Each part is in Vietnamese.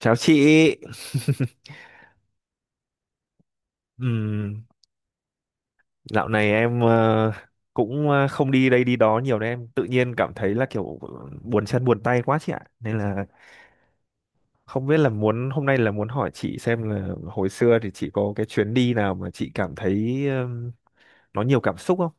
Chào chị. Ừm, dạo này em không đi đây đi đó nhiều nên em tự nhiên cảm thấy là kiểu buồn chân buồn tay quá chị ạ. Nên là không biết là muốn hôm nay là muốn hỏi chị xem là hồi xưa thì chị có cái chuyến đi nào mà chị cảm thấy nó nhiều cảm xúc không?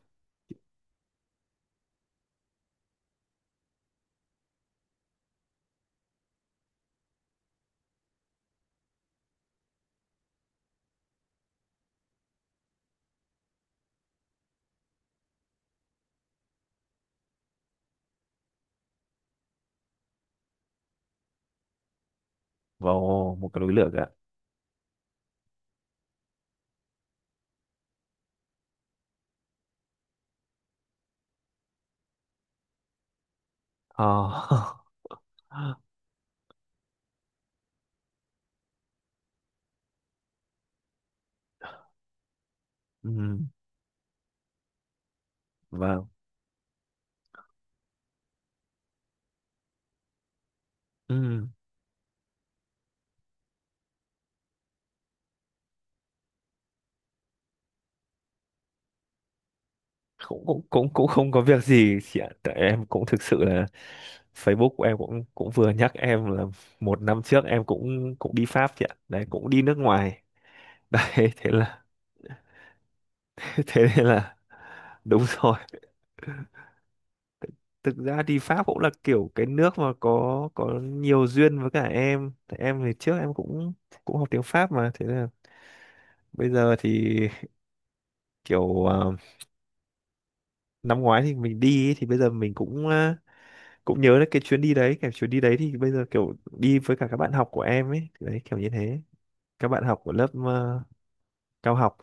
Vào một cái núi lửa ạ. Ờ. Ừm, vâng. Ừm. cũng cũng cũng cũng không có việc gì chị ạ, tại em cũng thực sự là Facebook của em cũng cũng vừa nhắc em là một năm trước em cũng cũng đi Pháp chị ạ, đấy cũng đi nước ngoài. Đấy thế là thế nên là đúng rồi. Thực ra đi Pháp cũng là kiểu cái nước mà có nhiều duyên với cả em, tại em thì trước em cũng cũng học tiếng Pháp, mà thế là bây giờ thì kiểu năm ngoái thì mình đi ý, thì bây giờ mình cũng nhớ đấy cái chuyến đi đấy, kiểu chuyến đi đấy thì bây giờ kiểu đi với cả các bạn học của em ấy. Thì đấy kiểu như thế, các bạn học của lớp cao học.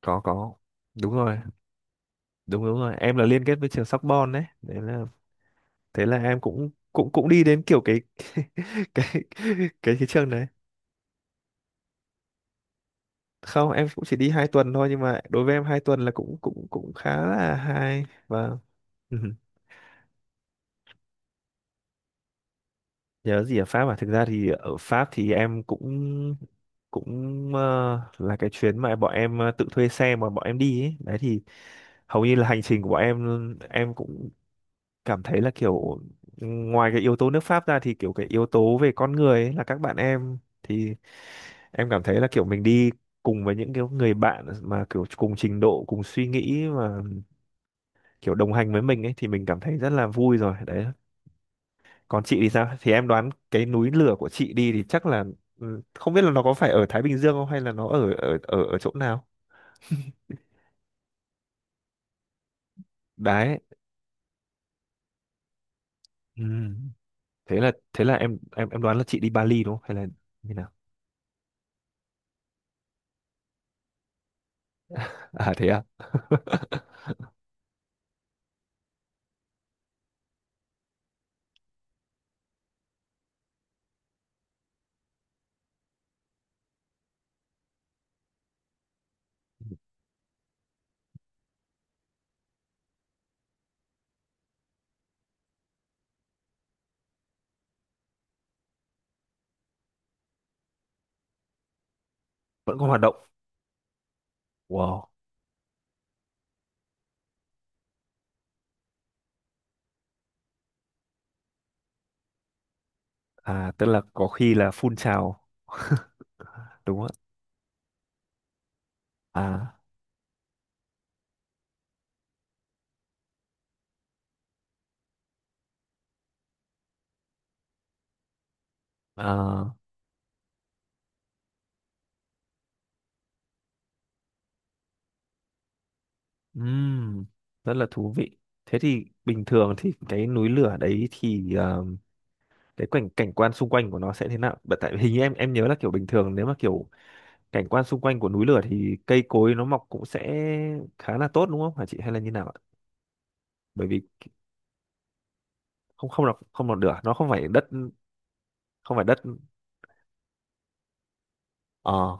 Có đúng rồi, đúng đúng rồi em là liên kết với trường Sorbonne đấy. Đấy là thế là em cũng cũng cũng đi đến kiểu cái cái cái trường đấy. Không, em cũng chỉ đi hai tuần thôi, nhưng mà đối với em hai tuần là cũng cũng cũng khá là hay và nhớ gì ở Pháp à. Thực ra thì ở Pháp thì em cũng cũng ờ, là cái chuyến mà bọn em tự thuê xe mà bọn em đi ấy. Đấy thì hầu như là hành trình của bọn em cũng cảm thấy là kiểu ừ, ngoài cái yếu tố nước Pháp ra thì kiểu cái yếu tố về con người ấy, là các bạn em thì em cảm thấy là kiểu mình đi cùng với những cái người bạn mà kiểu cùng trình độ, cùng suy nghĩ mà kiểu đồng hành với mình ấy, thì mình cảm thấy rất là vui rồi đấy. Còn chị thì sao, thì em đoán cái núi lửa của chị đi thì chắc là ừ, không biết là nó có phải ở Thái Bình Dương không, hay là nó ở ở ở ở chỗ nào đấy. Ừ. Thế là em đoán là chị đi Bali đúng không, hay là như nào. À thế à. Vẫn còn hoạt động. Wow. À tức là có khi là phun trào đúng không ạ. À, à. Ừm, rất là thú vị. Thế thì bình thường thì cái núi lửa đấy thì cái cảnh cảnh quan xung quanh của nó sẽ thế nào? Bởi tại hình như em nhớ là kiểu bình thường, nếu mà kiểu cảnh quan xung quanh của núi lửa thì cây cối nó mọc cũng sẽ khá là tốt đúng không hả chị, hay là như nào ạ. Bởi vì không không lọc không lọc lửa nó không phải đất, không phải đất. Ờ.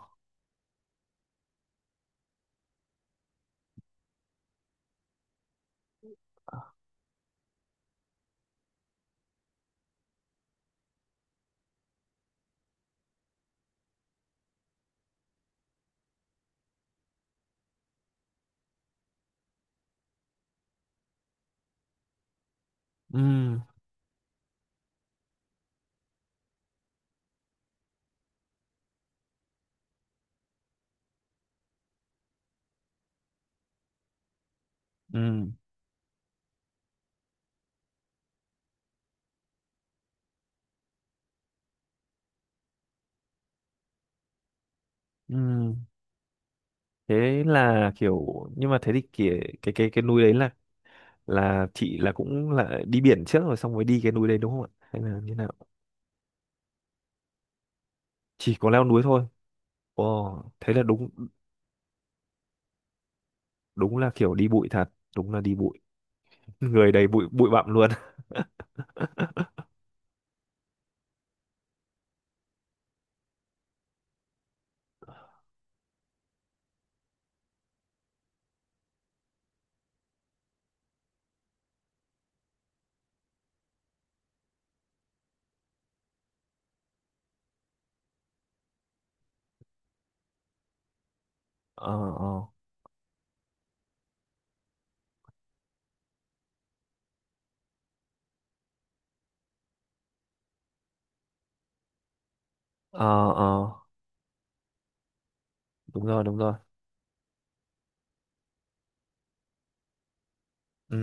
Ừm. Ừm. Ừm. Thế là kiểu nhưng mà thế thì kìa, cái núi đấy là chị là cũng là đi biển trước rồi xong mới đi cái núi đấy đúng không ạ, hay là như nào. Chỉ có leo núi thôi. Ồ thế là đúng. Đúng là kiểu đi bụi thật, đúng là đi bụi, người đầy bụi bụi bặm luôn. Ờ, ờ, ờ, ờ. Đúng rồi, đúng rồi. Ừ.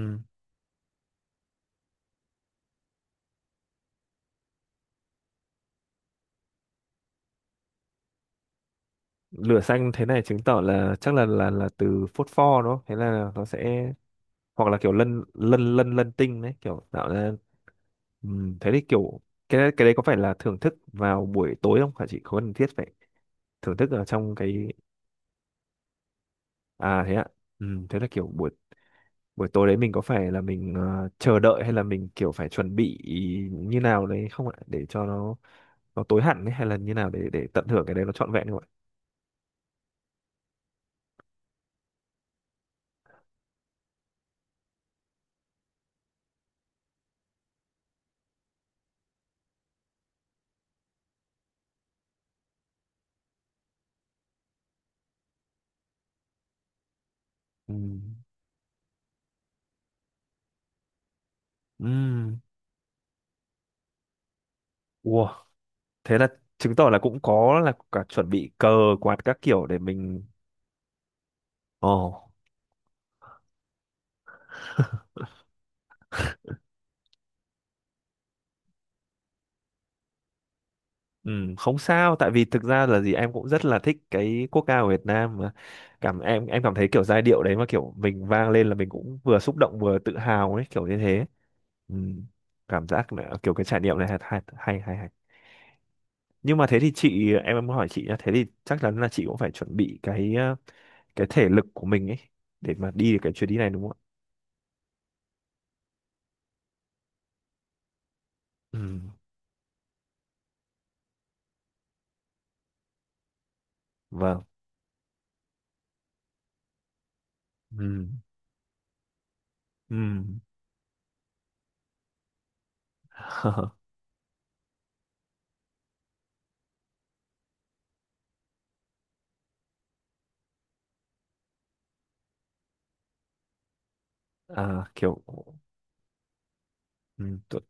Lửa xanh thế này chứng tỏ là chắc là là từ phốt pho đúng không? Thế là nó sẽ hoặc là kiểu lân lân lân lân tinh đấy kiểu tạo ra. Thế thì kiểu cái đấy có phải là thưởng thức vào buổi tối không hả chị? Có cần thiết phải thưởng thức ở trong cái à thế ạ. Thế là kiểu buổi buổi tối đấy mình có phải là mình chờ đợi, hay là mình kiểu phải chuẩn bị như nào đấy không ạ? Để cho nó tối hẳn ấy, hay là như nào để tận hưởng cái đấy nó trọn vẹn không ạ? Ừm. Ừm. Wow, thế là chứng tỏ là cũng có là cả chuẩn bị cờ quạt các kiểu để mình. Ồ. Ừ, không sao tại vì thực ra là gì em cũng rất là thích cái quốc ca của Việt Nam mà. Cảm em cảm thấy kiểu giai điệu đấy mà kiểu mình vang lên là mình cũng vừa xúc động vừa tự hào ấy, kiểu như thế. Ừ, cảm giác là kiểu cái trải nghiệm này hay hay. Nhưng mà thế thì chị, em muốn hỏi chị nhá, thế thì chắc chắn là chị cũng phải chuẩn bị cái cái thể lực của mình ấy để mà đi được cái chuyến đi này đúng không ạ. Ừ, vâng. Ừ. Ừ. À, kiểu ừ, tu-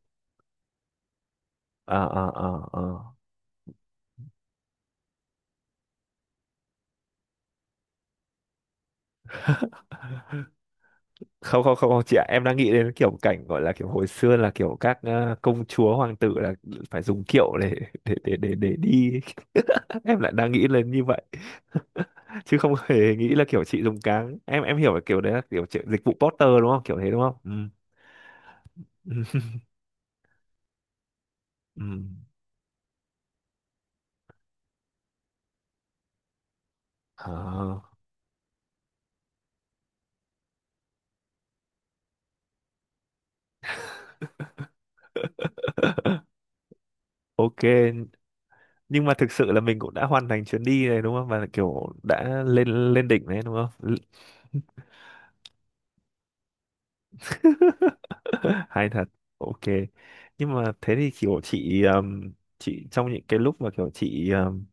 à, à, à, à. Không không không không chị ạ, em đang nghĩ đến kiểu cảnh gọi là kiểu hồi xưa là kiểu các công chúa hoàng tử là phải dùng kiệu để để đi. Em lại đang nghĩ lên như vậy, chứ không hề nghĩ là kiểu chị dùng cáng. Em hiểu là kiểu đấy là kiểu chị- dịch vụ Porter đúng không, kiểu thế đúng không. Ừ. Ừ. Ừ. À. Ok, nhưng mà thực sự là mình cũng đã hoàn thành chuyến đi này đúng không? Và kiểu đã lên lên đỉnh đấy đúng không? Hay thật. Ok, nhưng mà thế thì kiểu chị trong những cái lúc mà kiểu chị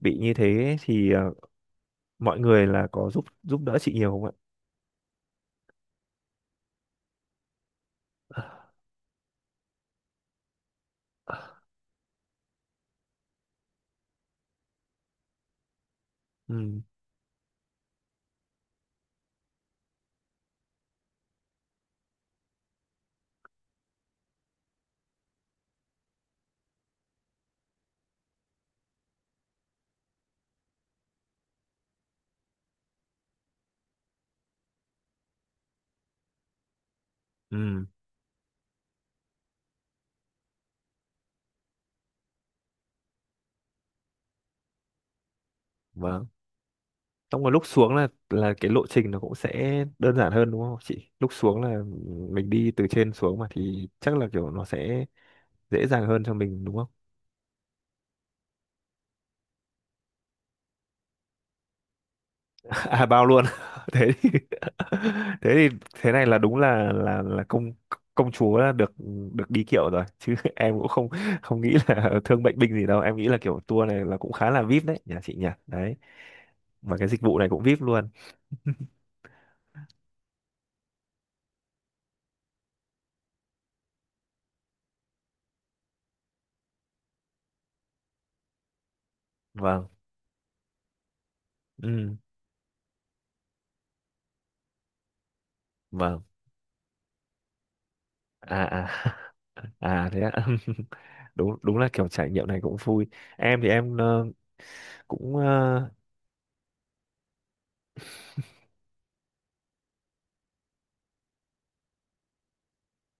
bị như thế ấy, thì mọi người là có giúp giúp đỡ chị nhiều không ạ. Ừ. Ừ. Vâng, trong cái lúc xuống là cái lộ trình nó cũng sẽ đơn giản hơn đúng không chị, lúc xuống là mình đi từ trên xuống mà, thì chắc là kiểu nó sẽ dễ dàng hơn cho mình đúng không. À bao luôn. Thế thì thế thì thế này là đúng là là công công chúa là được được đi kiệu rồi chứ. Em cũng không không nghĩ là thương bệnh binh gì đâu, em nghĩ là kiểu tour này là cũng khá là vip đấy nhà chị nhỉ, đấy và cái dịch vụ này cũng vip luôn. Vâng. Ừ. Vâng. À, à. À thế ạ. Đúng, đúng là kiểu trải nghiệm này cũng vui. Em thì em cũng ờ,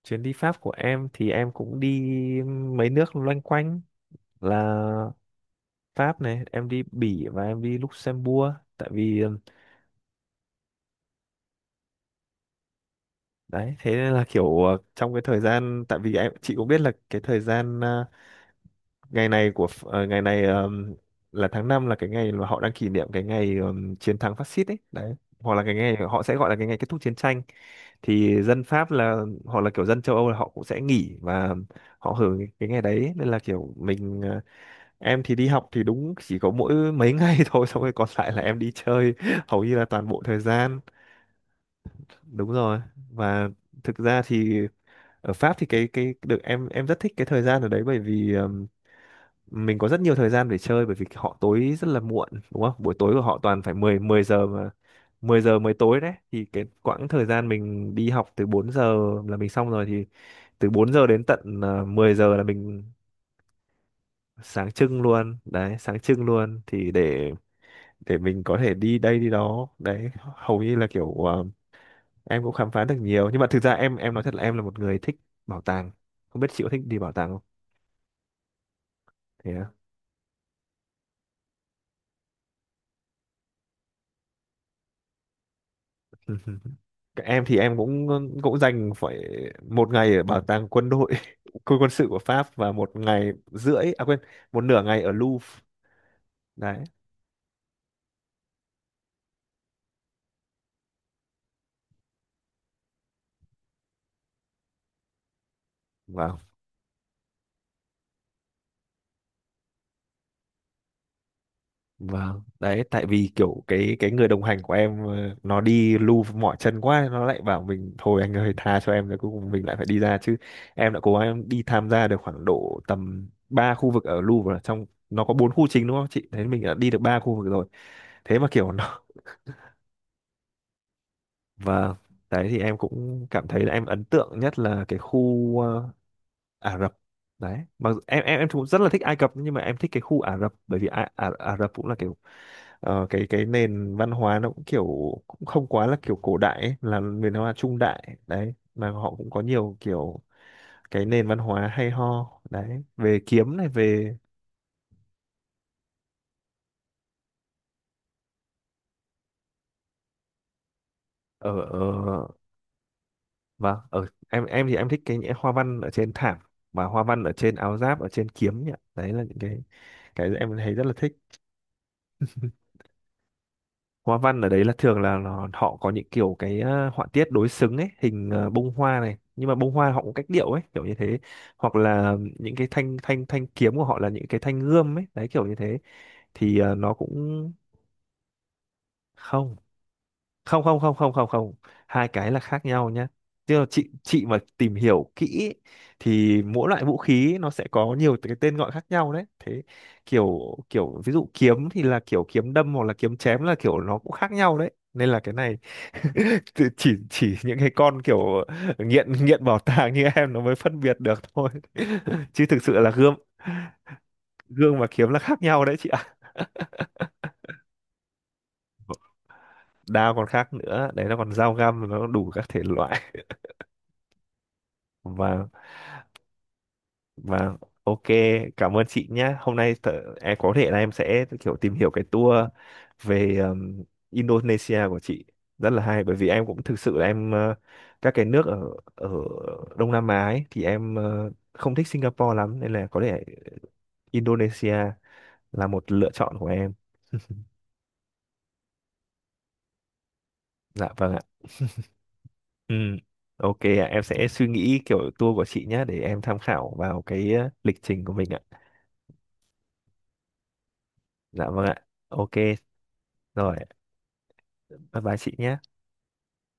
chuyến đi Pháp của em thì em cũng đi mấy nước loanh quanh, là Pháp này, em đi Bỉ và em đi Luxembourg. Tại vì đấy thế nên là kiểu trong cái thời gian, tại vì em chị cũng biết là cái thời gian ngày này của Ph- ờ, ngày này là tháng 5 là cái ngày mà họ đang kỷ niệm cái ngày chiến thắng phát xít ấy, đấy hoặc là cái ngày họ sẽ gọi là cái ngày kết thúc chiến tranh, thì dân Pháp là hoặc là kiểu dân châu Âu là họ cũng sẽ nghỉ và họ hưởng cái ngày đấy nên là kiểu mình em thì đi học thì đúng chỉ có mỗi mấy ngày thôi, xong rồi còn lại là em đi chơi hầu như là toàn bộ thời gian. Đúng rồi. Và thực ra thì ở Pháp thì cái được, em rất thích cái thời gian ở đấy bởi vì mình có rất nhiều thời gian để chơi bởi vì họ tối rất là muộn đúng không, buổi tối của họ toàn phải 10 10 giờ mà. Mười giờ mới tối đấy, thì cái quãng thời gian mình đi học từ 4 giờ là mình xong rồi thì từ 4 giờ đến tận 10 giờ là mình sáng trưng luôn đấy, sáng trưng luôn thì để mình có thể đi đây đi đó đấy. Hầu như là kiểu em cũng khám phá được nhiều, nhưng mà thực ra em nói thật là em là một người thích bảo tàng, không biết chị có thích đi bảo tàng không. Thế à? Các em thì em cũng cũng dành phải một ngày ở bảo tàng quân đội, quân quân sự của Pháp và một ngày rưỡi à quên một nửa ngày ở Louvre đấy và Vâng, đấy tại vì kiểu cái người đồng hành của em nó đi lu mỏi chân quá, nó lại bảo mình thôi anh ơi tha cho em, rồi cuối cùng mình lại phải đi ra chứ. Em đã cố gắng đi tham gia được khoảng độ tầm 3 khu vực ở Louvre rồi. Trong nó có bốn khu chính đúng không chị, thế mình đã đi được ba khu vực rồi. Thế mà kiểu nó và đấy thì em cũng cảm thấy là em ấn tượng nhất là cái khu Ả Rập đấy. Mà em cũng rất là thích Ai Cập, nhưng mà em thích cái khu Ả Rập bởi vì Ả Rập cũng là cái cái nền văn hóa nó cũng kiểu cũng không quá là kiểu cổ đại ấy, là nền văn hóa trung đại đấy, mà họ cũng có nhiều kiểu cái nền văn hóa hay ho đấy, về kiếm này, về ở ở và ở em thì em thích cái những hoa văn ở trên thảm và hoa văn ở trên áo giáp, ở trên kiếm nhỉ, đấy là những cái em thấy rất là thích. Hoa văn ở đấy là thường là nó- họ có những kiểu cái họa tiết đối xứng ấy, hình bông hoa này, nhưng mà bông hoa họ cũng cách điệu ấy kiểu như thế, hoặc là những cái thanh thanh thanh kiếm của họ là những cái thanh gươm ấy đấy kiểu như thế, thì nó cũng không không không không không không. Không hai cái là khác nhau nhé. Tức là chị mà tìm hiểu kỹ ấy, thì mỗi loại vũ khí nó sẽ có nhiều cái tên gọi khác nhau đấy. Thế kiểu kiểu ví dụ kiếm thì là kiểu kiếm đâm hoặc là kiếm chém là kiểu nó cũng khác nhau đấy, nên là cái này chỉ những cái con kiểu nghiện nghiện bảo tàng như em nó mới phân biệt được thôi. Chứ thực sự là gươm gươm và kiếm là khác nhau đấy chị ạ. Đao còn khác nữa đấy, nó còn dao găm, nó đủ các thể loại. và Và ok, cảm ơn chị nhé. Hôm nay tớ, em có thể là em sẽ kiểu tìm hiểu cái tour về Indonesia của chị, rất là hay bởi vì em cũng thực sự là em các cái nước ở ở Đông Nam Á ấy, thì em không thích Singapore lắm, nên là có thể Indonesia là một lựa chọn của em. Dạ vâng ạ. Ừ. Ok ạ, em sẽ suy nghĩ kiểu tour của chị nhé để em tham khảo vào cái lịch trình của mình ạ. Dạ vâng ạ. Ok, rồi, bye bye chị nhé.